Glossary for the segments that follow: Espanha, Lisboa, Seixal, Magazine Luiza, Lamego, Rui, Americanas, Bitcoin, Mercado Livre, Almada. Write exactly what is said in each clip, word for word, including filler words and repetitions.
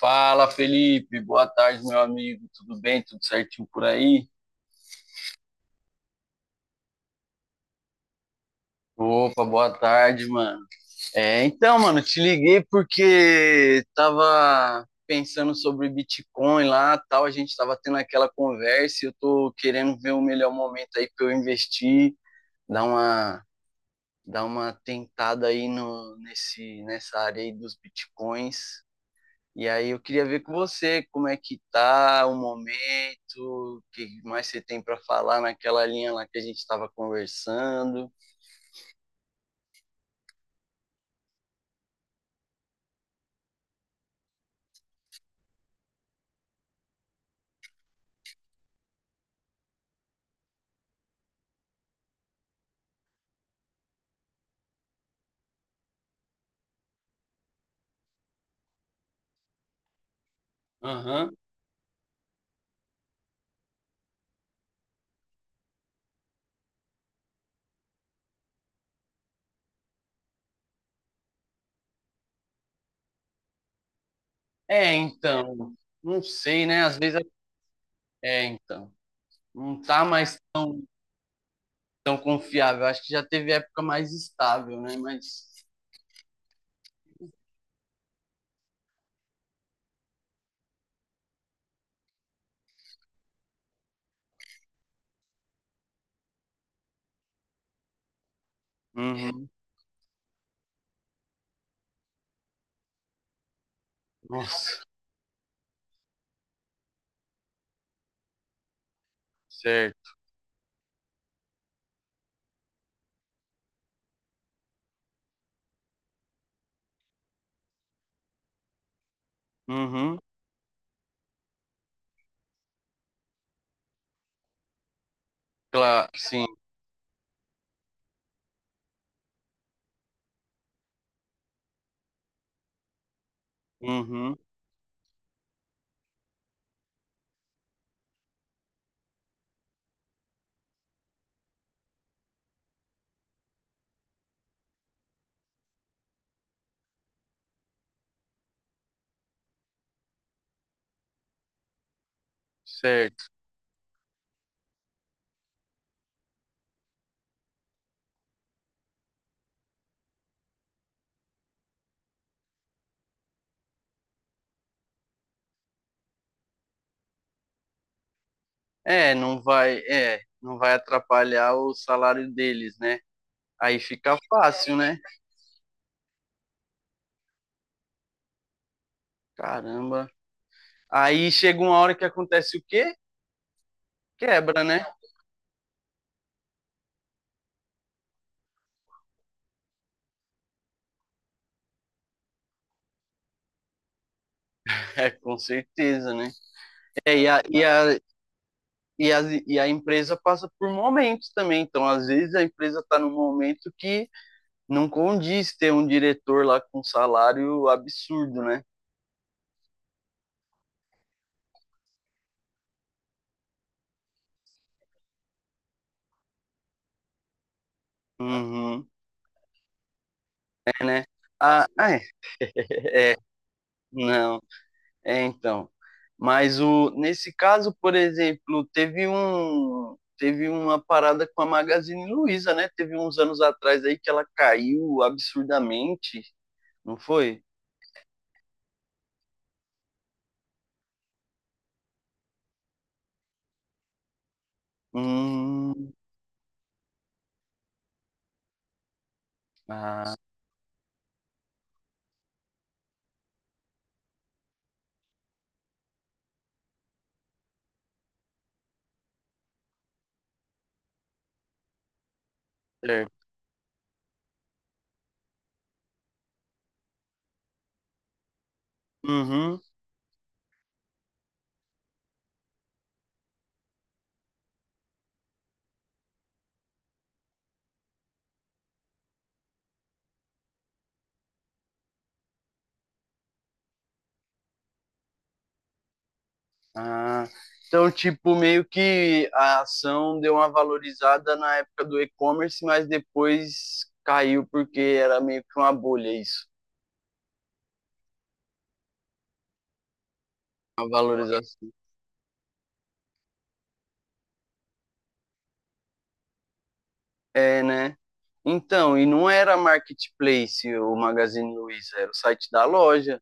Fala, Felipe. Boa tarde, meu amigo. Tudo bem? Tudo certinho por aí? Opa, boa tarde, mano. É, então, mano, te liguei porque tava pensando sobre Bitcoin lá, tal, a gente tava tendo aquela conversa e eu tô querendo ver o melhor momento aí para eu investir, dar uma dar uma tentada aí no nesse nessa área aí dos Bitcoins. E aí eu queria ver com você como é que tá o momento, o que mais você tem para falar naquela linha lá que a gente estava conversando. Aham. É, então, não sei, né? Às vezes é, é, então, não tá mais tão, tão confiável. Acho que já teve época mais estável, né? Mas uhum. Nossa, certo. Uhum. Claro, sim. Uhum. Certo. É, não vai, é, não vai atrapalhar o salário deles, né? Aí fica fácil, né? Caramba. Aí chega uma hora que acontece o quê? Quebra, né? É, com certeza, né? É, e a, e a, e a, e a empresa passa por momentos também. Então, às vezes, a empresa está num momento que não condiz ter um diretor lá com um salário absurdo, né? Uhum. É, né? Ah, é. Não. É, então. Mas o, nesse caso, por exemplo, teve um, teve uma parada com a Magazine Luiza, né? Teve uns anos atrás aí que ela caiu absurdamente, não foi? Hum, ah, certo. Uhum. Ah, então, tipo, meio que a ação deu uma valorizada na época do e-commerce, mas depois caiu porque era meio que uma bolha isso, a valorização. É, né? Então, e não era marketplace o Magazine Luiza, era o site da loja.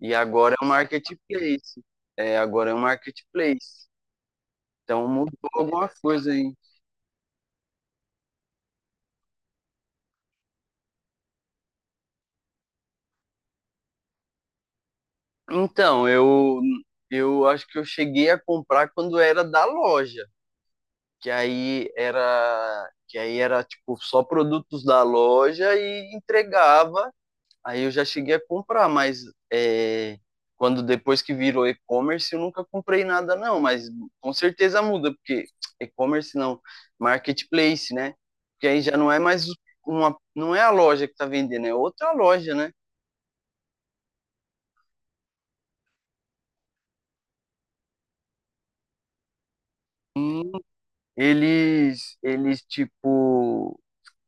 E agora é um marketplace. É, agora é um marketplace. Então mudou alguma coisa aí. Então, eu, eu acho que eu cheguei a comprar quando era da loja, que aí era, que aí era tipo só produtos da loja e entregava. Aí eu já cheguei a comprar, mas é, quando depois que virou e-commerce, eu nunca comprei nada, não. Mas com certeza muda, porque e-commerce não, marketplace, né? Porque aí já não é mais uma, não é a loja que tá vendendo, é outra loja, né? Hum, Eles, eles tipo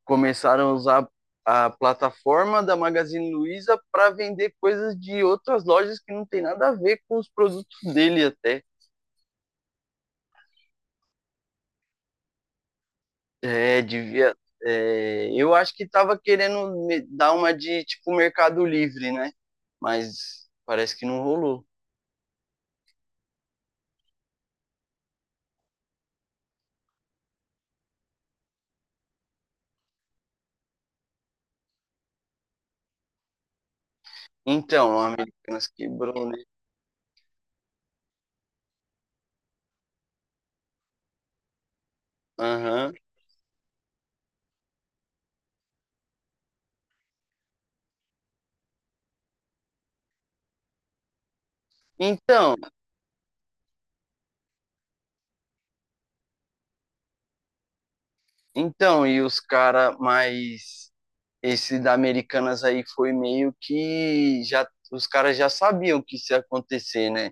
começaram a usar a plataforma da Magazine Luiza para vender coisas de outras lojas que não tem nada a ver com os produtos dele até. É, devia. É, eu acho que tava querendo me- dar uma de tipo Mercado Livre, né? Mas parece que não rolou. Então, a Americanas quebrou, né? Aham. Então, então, e os cara mais. Esse da Americanas aí foi meio que já. Os caras já sabiam que isso ia acontecer, né?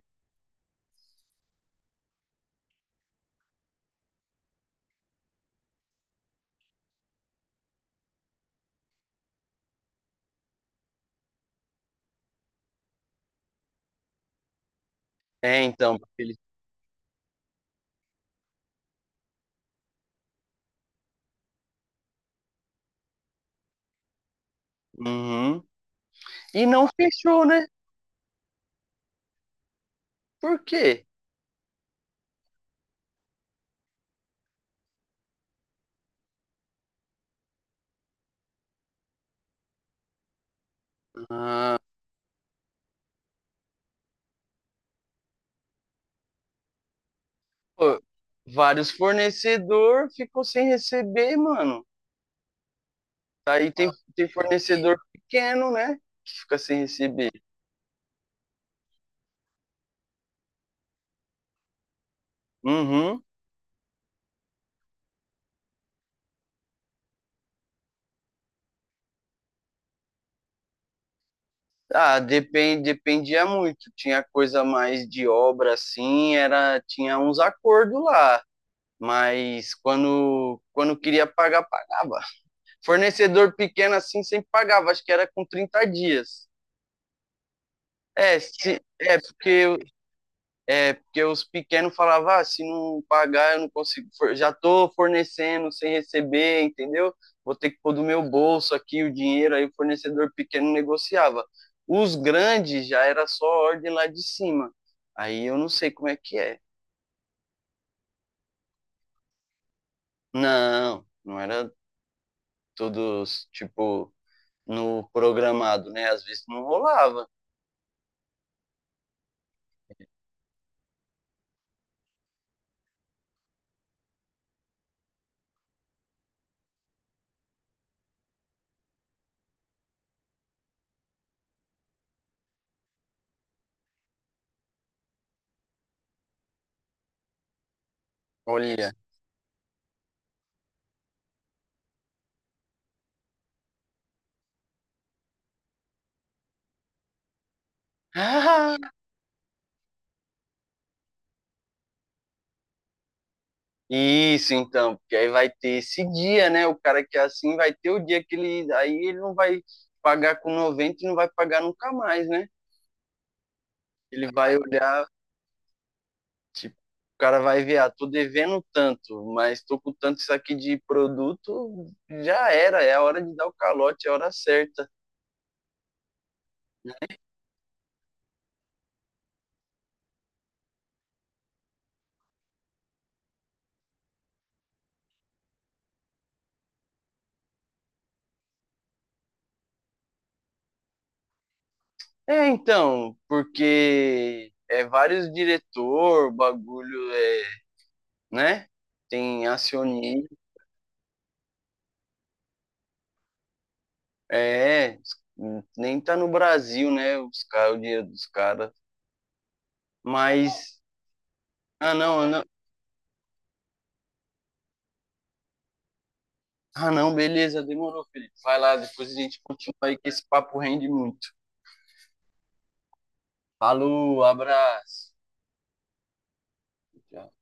É, então, ele. Uhum. E não fechou, né? Por quê? Pô, vários fornecedor ficou sem receber, mano. Aí tem, tem fornecedor pequeno, né? Que fica sem receber. Uhum. Ah, depend, dependia muito. Tinha coisa mais de obra, assim, era, tinha uns acordos lá. Mas quando, quando queria pagar, pagava. Fornecedor pequeno assim sempre pagava, acho que era com trinta dias. É, se, é porque É, porque os pequenos falavam, ah, se não pagar, eu não consigo, já tô fornecendo sem receber, entendeu? Vou ter que pôr do meu bolso aqui o dinheiro, aí o fornecedor pequeno negociava. Os grandes já era só ordem lá de cima. Aí eu não sei como é que é. Não, não era todos, tipo, no programado, né? Às vezes não rolava. Olha. Ah, isso, então, porque aí vai ter esse dia, né? O cara que é assim vai ter o dia que ele. Aí ele não vai pagar com noventa e não vai pagar nunca mais, né? Ele vai olhar, tipo, o cara vai ver, ah, tô devendo tanto, mas tô com tanto isso aqui de produto, já era, é a hora de dar o calote, é a hora certa. É, então, porque é vários diretor, o bagulho é, né? Tem acionista, é, nem tá no Brasil, né? Os caras, o dinheiro dos caras. Mas. Ah, não, ah, não. Ah, não, beleza, demorou, Felipe. Vai lá, depois a gente continua aí, que esse papo rende muito. Falou, abraço. Tchau.